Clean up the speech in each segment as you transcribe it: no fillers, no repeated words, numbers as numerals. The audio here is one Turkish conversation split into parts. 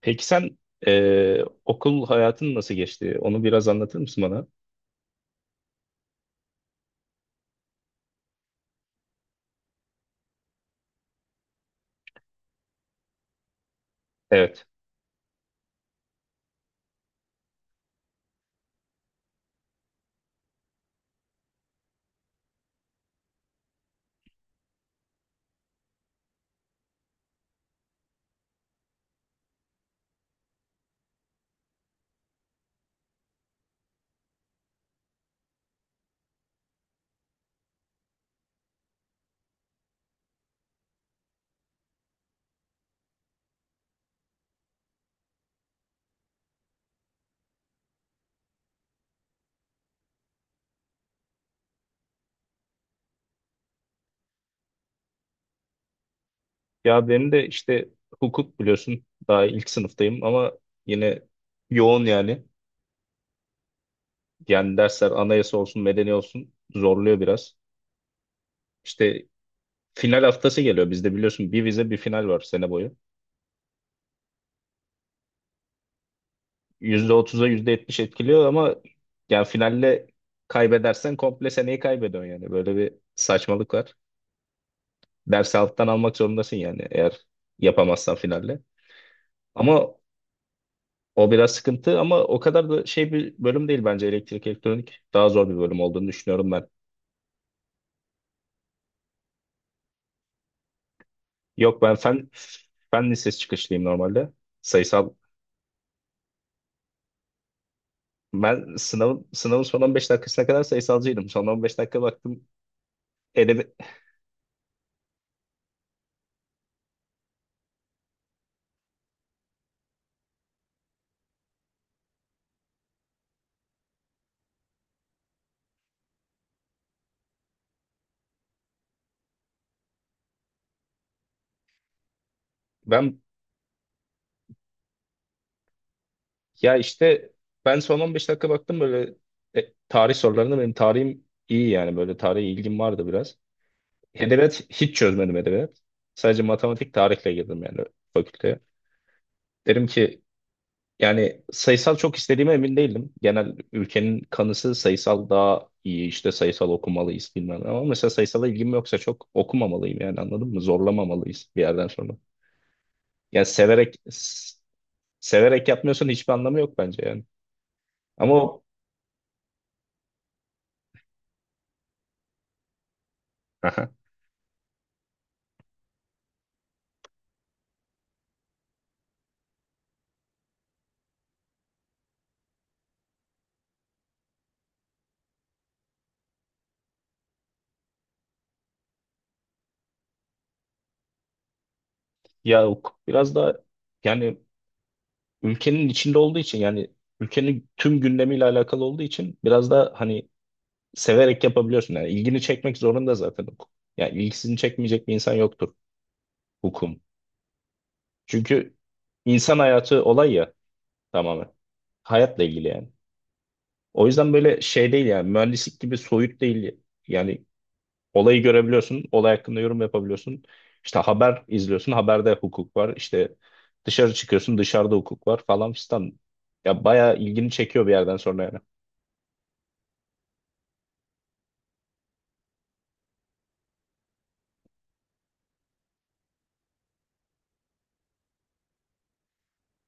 Peki sen okul hayatın nasıl geçti? Onu biraz anlatır mısın bana? Evet. Ya benim de işte hukuk biliyorsun, daha ilk sınıftayım ama yine yoğun yani. Yani dersler anayasa olsun, medeni olsun zorluyor biraz. İşte final haftası geliyor bizde, biliyorsun bir vize bir final var sene boyu. %30'a %70 etkiliyor ama yani finalle kaybedersen komple seneyi kaybediyorsun yani. Böyle bir saçmalık var. Dersi alttan almak zorundasın yani, eğer yapamazsan finalle. Ama o biraz sıkıntı, ama o kadar da şey bir bölüm değil bence elektrik elektronik. Daha zor bir bölüm olduğunu düşünüyorum ben. Yok, ben fen lisesi çıkışlıyım normalde. Sayısal. Ben sınavın son 15 dakikasına kadar sayısalcıydım. Son 15 dakika baktım, edebi. Ben, ya işte, ben son 15 dakika baktım böyle tarih sorularına. Benim tarihim iyi yani, böyle tarihe ilgim vardı biraz. Edebiyat hiç çözmedim, edebiyat. Sadece matematik, tarihle girdim yani fakülteye. Dedim ki, yani sayısal çok istediğime emin değilim. Genel ülkenin kanısı sayısal daha iyi, işte sayısal okumalıyız bilmem ne. Ama mesela sayısala ilgim yoksa çok okumamalıyım yani, anladın mı? Zorlamamalıyız bir yerden sonra. Yani severek yapmıyorsan hiçbir anlamı yok bence yani. Ama o. Aha. Ya hukuk biraz da, yani ülkenin içinde olduğu için, yani ülkenin tüm gündemiyle alakalı olduğu için biraz da hani severek yapabiliyorsun yani, ilgini çekmek zorunda zaten hukuk. Yani ilgisini çekmeyecek bir insan yoktur hukum. Çünkü insan hayatı olay ya, tamamen. Hayatla ilgili yani. O yüzden böyle şey değil yani, mühendislik gibi soyut değil. Yani olayı görebiliyorsun, olay hakkında yorum yapabiliyorsun. İşte haber izliyorsun, haberde hukuk var. İşte dışarı çıkıyorsun, dışarıda hukuk var falan filan. Ya bayağı ilgini çekiyor bir yerden sonra yani.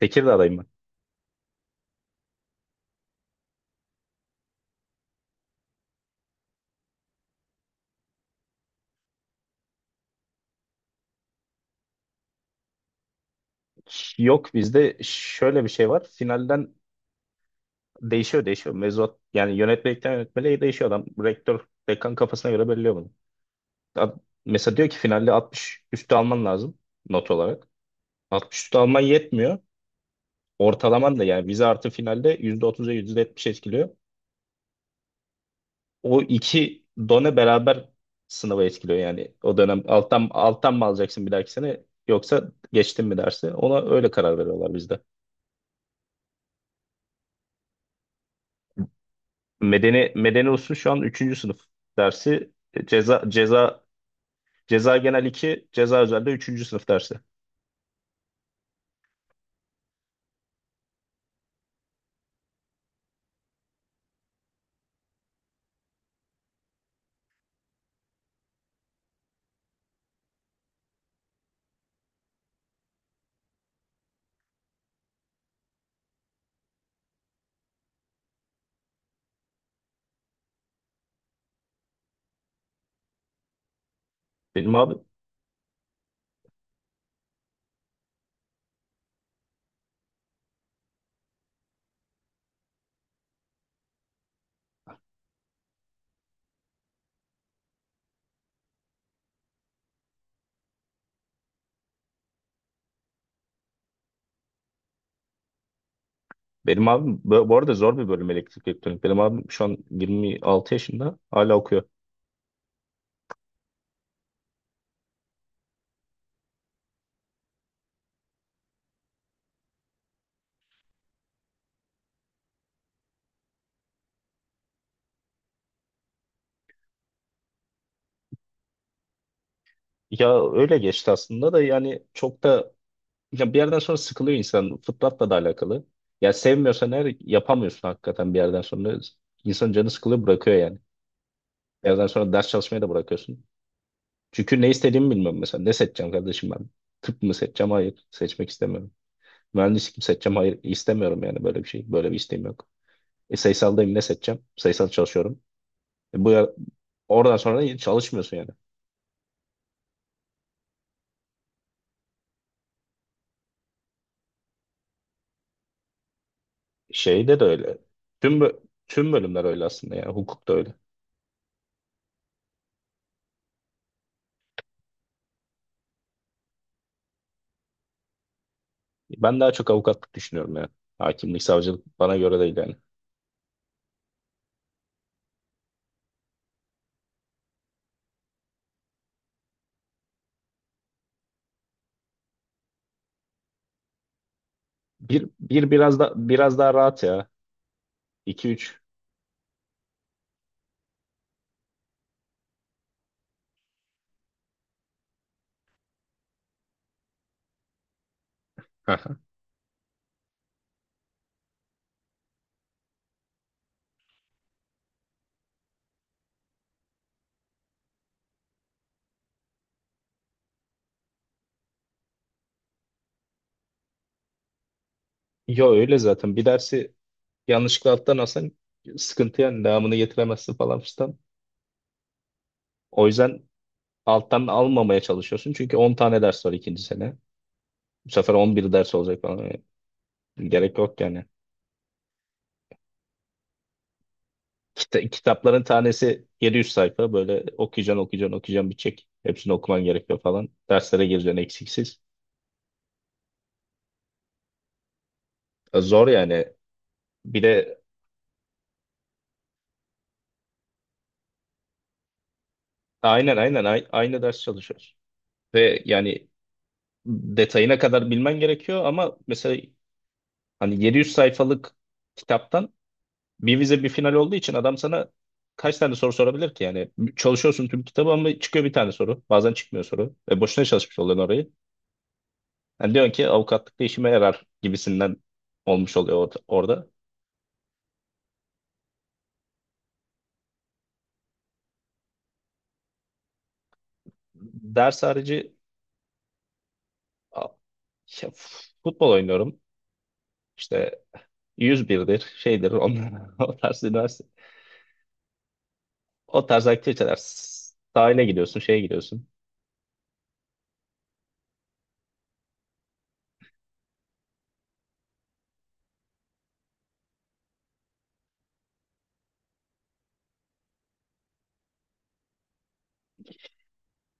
Tekirdağ'dayım ben. Yok, bizde şöyle bir şey var. Finalden değişiyor değişiyor. Mevzuat yani yönetmelikten yönetmeliğe değişiyor adam. Rektör, dekan kafasına göre belirliyor bunu. Ad- Mesela diyor ki finalde 60 üstü alman lazım not olarak. 60 üstü alman yetmiyor. Ortalaman da yani, vize artı finalde %30'a yüzde %70 etkiliyor. O iki done beraber sınavı etkiliyor yani o dönem. Alttan mı alacaksın bir dahaki sene, yoksa geçtin mi dersi? Ona öyle karar veriyorlar bizde. Medeni usul şu an üçüncü sınıf dersi. Ceza, ceza, ceza genel iki, ceza özelde üçüncü sınıf dersi. Benim abi Benim abim bu arada zor bir bölüm, elektrik elektronik. Benim abim şu an 26 yaşında hala okuyor. Ya öyle geçti aslında da, yani çok da, ya bir yerden sonra sıkılıyor insan. Fıtratla da alakalı. Ya sevmiyorsan eğer, yapamıyorsun hakikaten bir yerden sonra. İnsanın canı sıkılıyor, bırakıyor yani. Bir yerden sonra ders çalışmayı da bırakıyorsun. Çünkü ne istediğimi bilmiyorum mesela. Ne seçeceğim kardeşim ben? Tıp mı seçeceğim? Hayır. Seçmek istemiyorum. Mühendislik mi seçeceğim? Hayır. istemiyorum yani, böyle bir şey. Böyle bir isteğim yok. Sayısaldayım, ne seçeceğim? Sayısal çalışıyorum. Bu, oradan sonra hiç çalışmıyorsun yani. Şeyde de öyle. Tüm bö- Tüm bölümler öyle aslında yani. Hukuk da öyle. Ben daha çok avukatlık düşünüyorum yani. Hakimlik, savcılık bana göre değil yani. Bir biraz da biraz daha rahat ya. 2 3. Yo, öyle zaten. Bir dersi yanlışlıkla alttan alsan sıkıntı yani, devamını getiremezsin falan filan. O yüzden alttan almamaya çalışıyorsun. Çünkü 10 tane ders var ikinci sene. Bu sefer 11 ders olacak falan. Yani, gerek yok yani. Kitapların tanesi 700 sayfa, böyle okuyacaksın okuyacaksın okuyacaksın bitecek. Hepsini okuman gerekiyor falan. Derslere gireceksin eksiksiz. Zor yani. Bir de aynen, aynen, aynı ders çalışıyoruz. Ve yani detayına kadar bilmen gerekiyor, ama mesela hani 700 sayfalık kitaptan bir vize bir final olduğu için, adam sana kaç tane soru sorabilir ki yani? Çalışıyorsun tüm kitabı ama çıkıyor bir tane soru, bazen çıkmıyor soru ve boşuna çalışmış oluyorsun. Yani diyorsun ki avukatlıkta işime yarar gibisinden olmuş oluyor orada. Ders harici a- ya, futbol oynuyorum. İşte yüz birdir şeydir onlar, o tarz üniversite. O tarz aktiviteler. Sahile gidiyorsun, şeye gidiyorsun.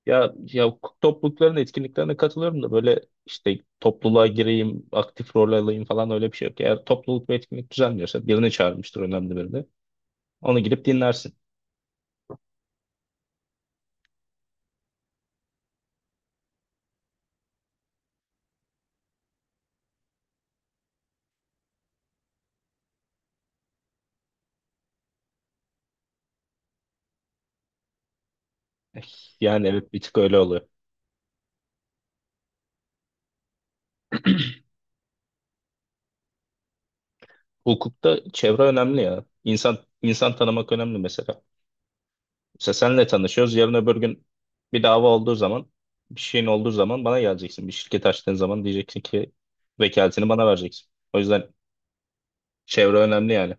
Ya toplulukların etkinliklerine katılıyorum da, böyle işte topluluğa gireyim, aktif rol alayım falan öyle bir şey yok. Eğer topluluk bir etkinlik düzenliyorsa, birini çağırmıştır önemli birini. Onu gidip dinlersin. Eh, Yani evet, bir tık öyle oluyor. Hukukta çevre önemli ya. İnsan tanımak önemli mesela. Mesela senle tanışıyoruz. Yarın öbür gün bir dava olduğu zaman, bir şeyin olduğu zaman bana geleceksin. Bir şirket açtığın zaman diyeceksin ki, vekaletini bana vereceksin. O yüzden çevre önemli yani.